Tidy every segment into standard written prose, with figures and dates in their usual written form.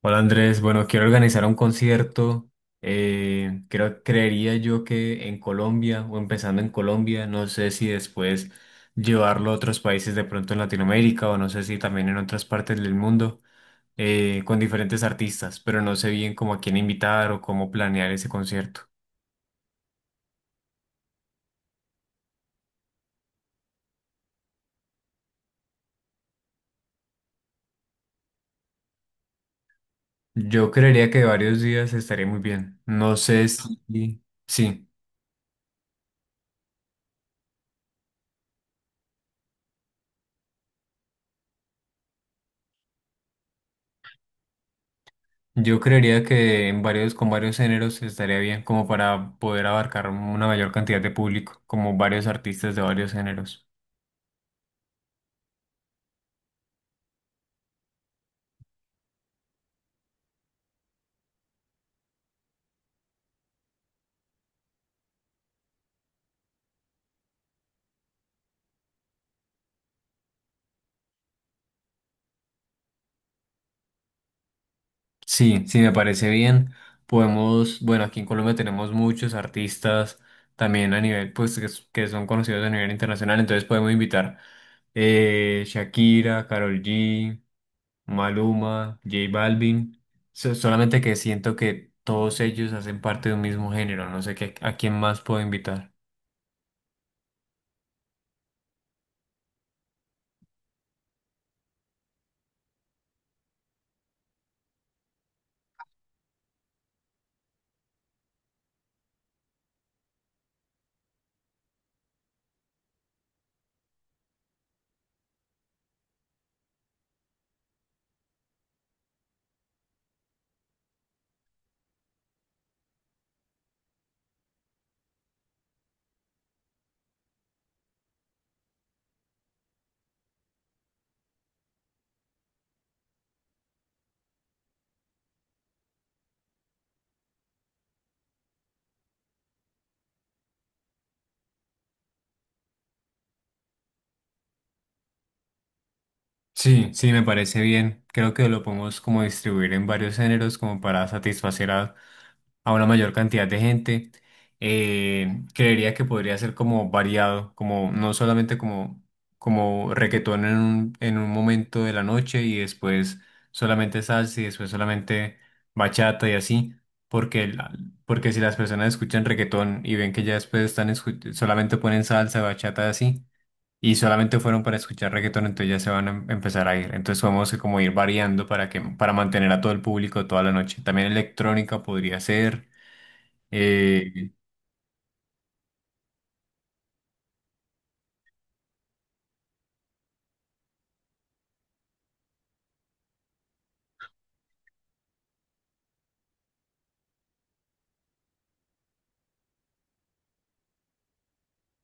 Hola Andrés, bueno, quiero organizar un concierto. Creo, creería yo que en Colombia o empezando en Colombia, no sé si después llevarlo a otros países de pronto en Latinoamérica o no sé si también en otras partes del mundo con diferentes artistas, pero no sé bien cómo a quién invitar o cómo planear ese concierto. Yo creería que varios días estaría muy bien. No sé si... Sí. Yo creería que en varios, con varios géneros estaría bien como para poder abarcar una mayor cantidad de público, como varios artistas de varios géneros. Sí, sí, me parece bien. Podemos, bueno, aquí en Colombia tenemos muchos artistas también a nivel, pues, que, que son conocidos a nivel internacional, entonces podemos invitar Shakira, Karol G, Maluma, J Balvin. Solamente que siento que todos ellos hacen parte de un mismo género, no sé qué, a quién más puedo invitar. Sí, sí, me parece bien. Creo que lo podemos como distribuir en varios géneros como para satisfacer a una mayor cantidad de gente. Creería que podría ser como variado, como no solamente como, como reggaetón en un momento de la noche y después solamente salsa y después solamente bachata y así, porque, porque si las personas escuchan reggaetón y ven que ya después están solamente ponen salsa, bachata y así y solamente fueron para escuchar reggaetón, entonces ya se van a empezar a ir. Entonces vamos a como ir variando para que, para mantener a todo el público toda la noche. También electrónica podría ser. eh,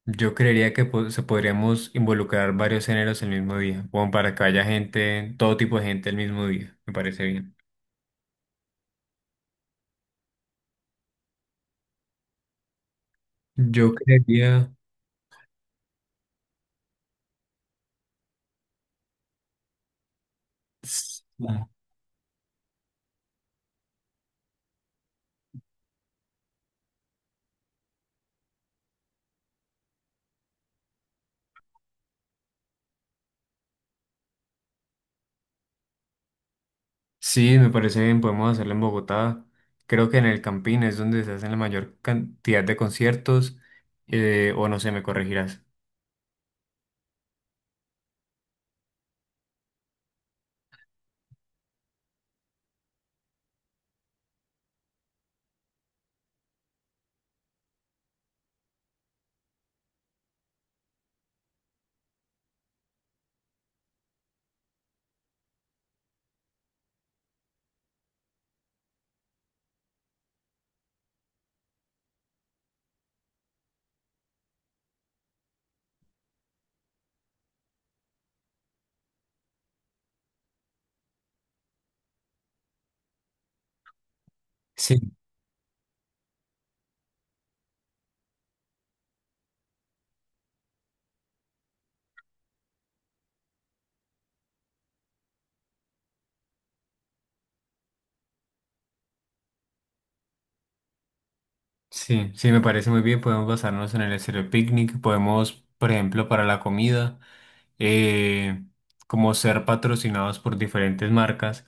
yo creería que se podríamos involucrar varios géneros el mismo día, como para que haya gente, todo tipo de gente el mismo día. Me parece bien. Yo creería. s- Sí, me parece bien, podemos hacerlo en Bogotá. Creo que en el Campín es donde se hacen la mayor cantidad de conciertos, o no sé, me corregirás. Sí, sí, me parece muy bien. Podemos basarnos en el estéreo picnic. Podemos, por ejemplo, para la comida, eh, como ser patrocinados por diferentes marcas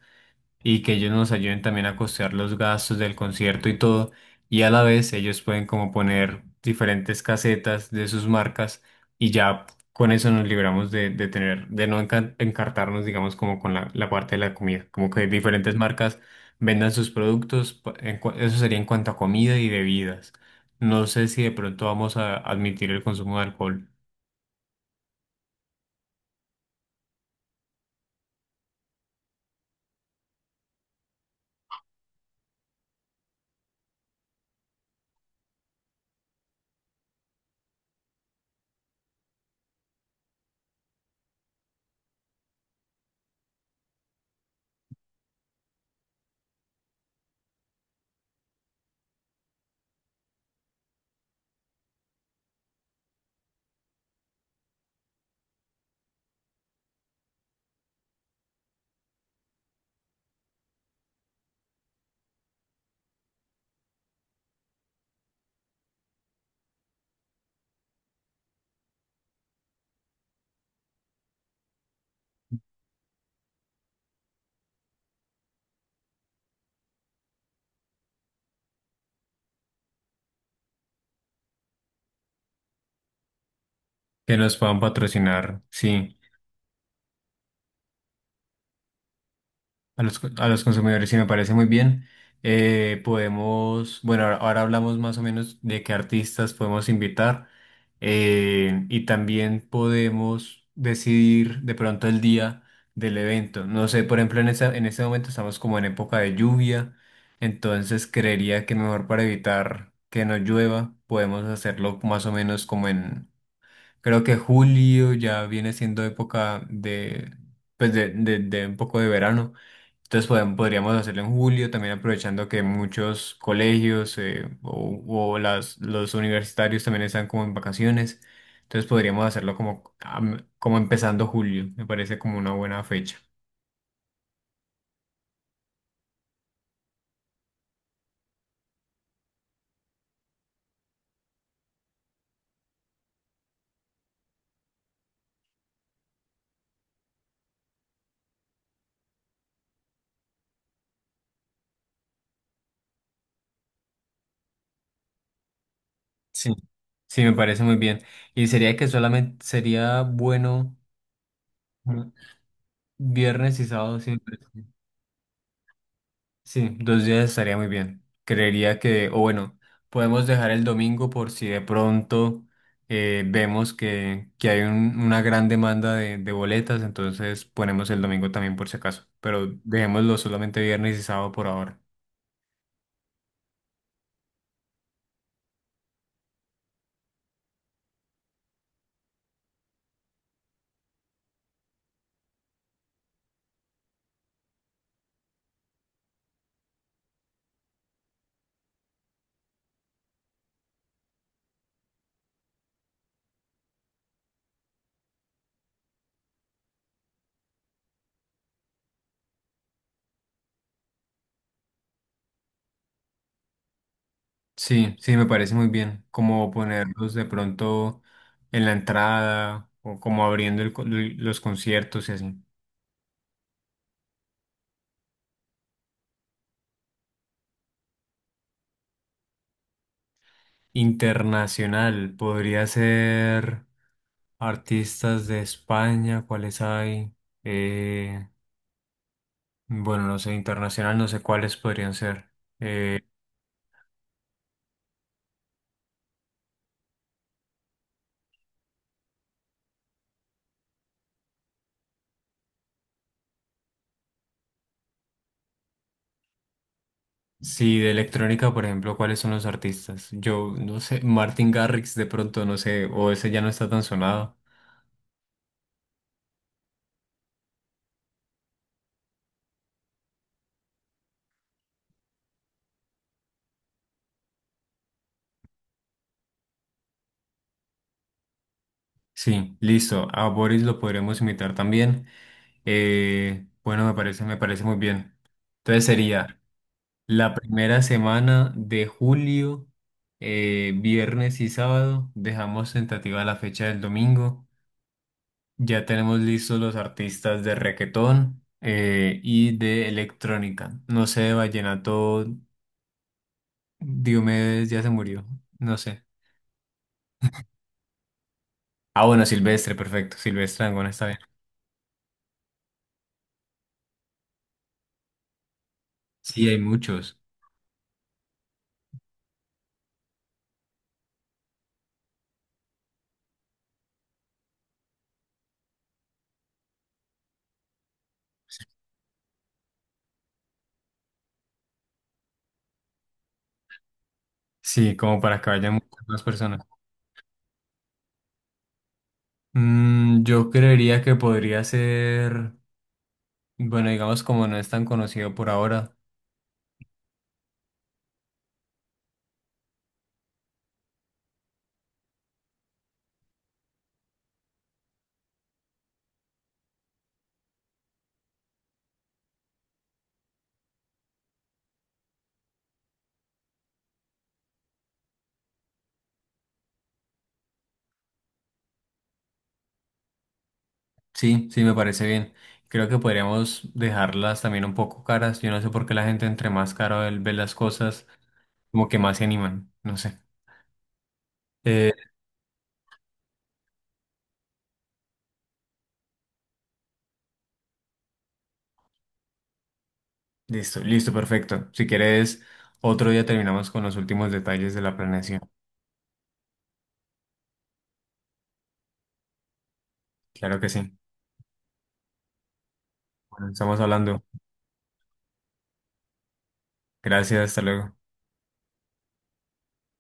y que ellos nos ayuden también a costear los gastos del concierto y todo. Y a la vez ellos pueden como poner diferentes casetas de sus marcas y ya con eso nos libramos de tener, de no encartarnos, digamos, como con la, la parte de la comida. Como que diferentes marcas vendan sus productos, eso sería en cuanto a comida y bebidas. No sé si de pronto vamos a admitir el consumo de alcohol, que nos puedan patrocinar, sí. A los, a los consumidores, sí, me parece muy bien. Podemos, bueno, ahora hablamos más o menos de qué artistas podemos invitar y también podemos decidir de pronto el día del evento. No sé, por ejemplo, en esa, en este momento estamos como en época de lluvia, entonces creería que mejor para evitar que no llueva, podemos hacerlo más o menos como en, creo que julio ya viene siendo época de, pues de, de un poco de verano. Entonces podríamos hacerlo en julio, también aprovechando que muchos colegios o las, los universitarios también están como en vacaciones. Entonces podríamos hacerlo como, como empezando julio. Me parece como una buena fecha. Sí, sí, me parece muy bien. Y sería que solamente sería bueno mm, viernes y sábado. Sí, sí, dos días estaría muy bien. Creería que, o bueno, podemos dejar el domingo por si de pronto vemos que hay una gran demanda de boletas, entonces ponemos el domingo también por si acaso, pero dejémoslo solamente viernes y sábado por ahora. Sí, sí, me parece muy bien, como ponerlos de pronto en la entrada o como abriendo el los conciertos y así. Internacional podría ser... Artistas de España, ¿cuáles hay? Eh, bueno, no sé, internacional, no sé cuáles podrían ser. Sí, de electrónica, por ejemplo, ¿cuáles son los artistas? Yo no sé, Martin Garrix de pronto, no sé, o ese ya no está tan sonado. Sí, listo. A Boris lo podremos imitar también. Bueno, me parece muy bien. Entonces sería la primera semana de julio, viernes y sábado. Dejamos tentativa la fecha del domingo. Ya tenemos listos los artistas de reggaetón y de electrónica. No sé, de vallenato, Diomedes ya se murió. No sé. Ah, bueno, Silvestre, perfecto. Silvestre Dangond está bien. Sí, hay muchos. Sí, como para que vayan muchas más personas. Mm, yo creería que podría ser, bueno, digamos como no es tan conocido por ahora. Sí, sí, me parece bien. Creo que podríamos dejarlas también un poco caras. Yo no sé por qué la gente entre más caro él ve las cosas. Como que más se animan, no sé. Eh, listo, listo, perfecto. Si quieres, otro día terminamos con los últimos detalles de la planeación. Claro que sí. Bueno, estamos hablando. Gracias, hasta luego.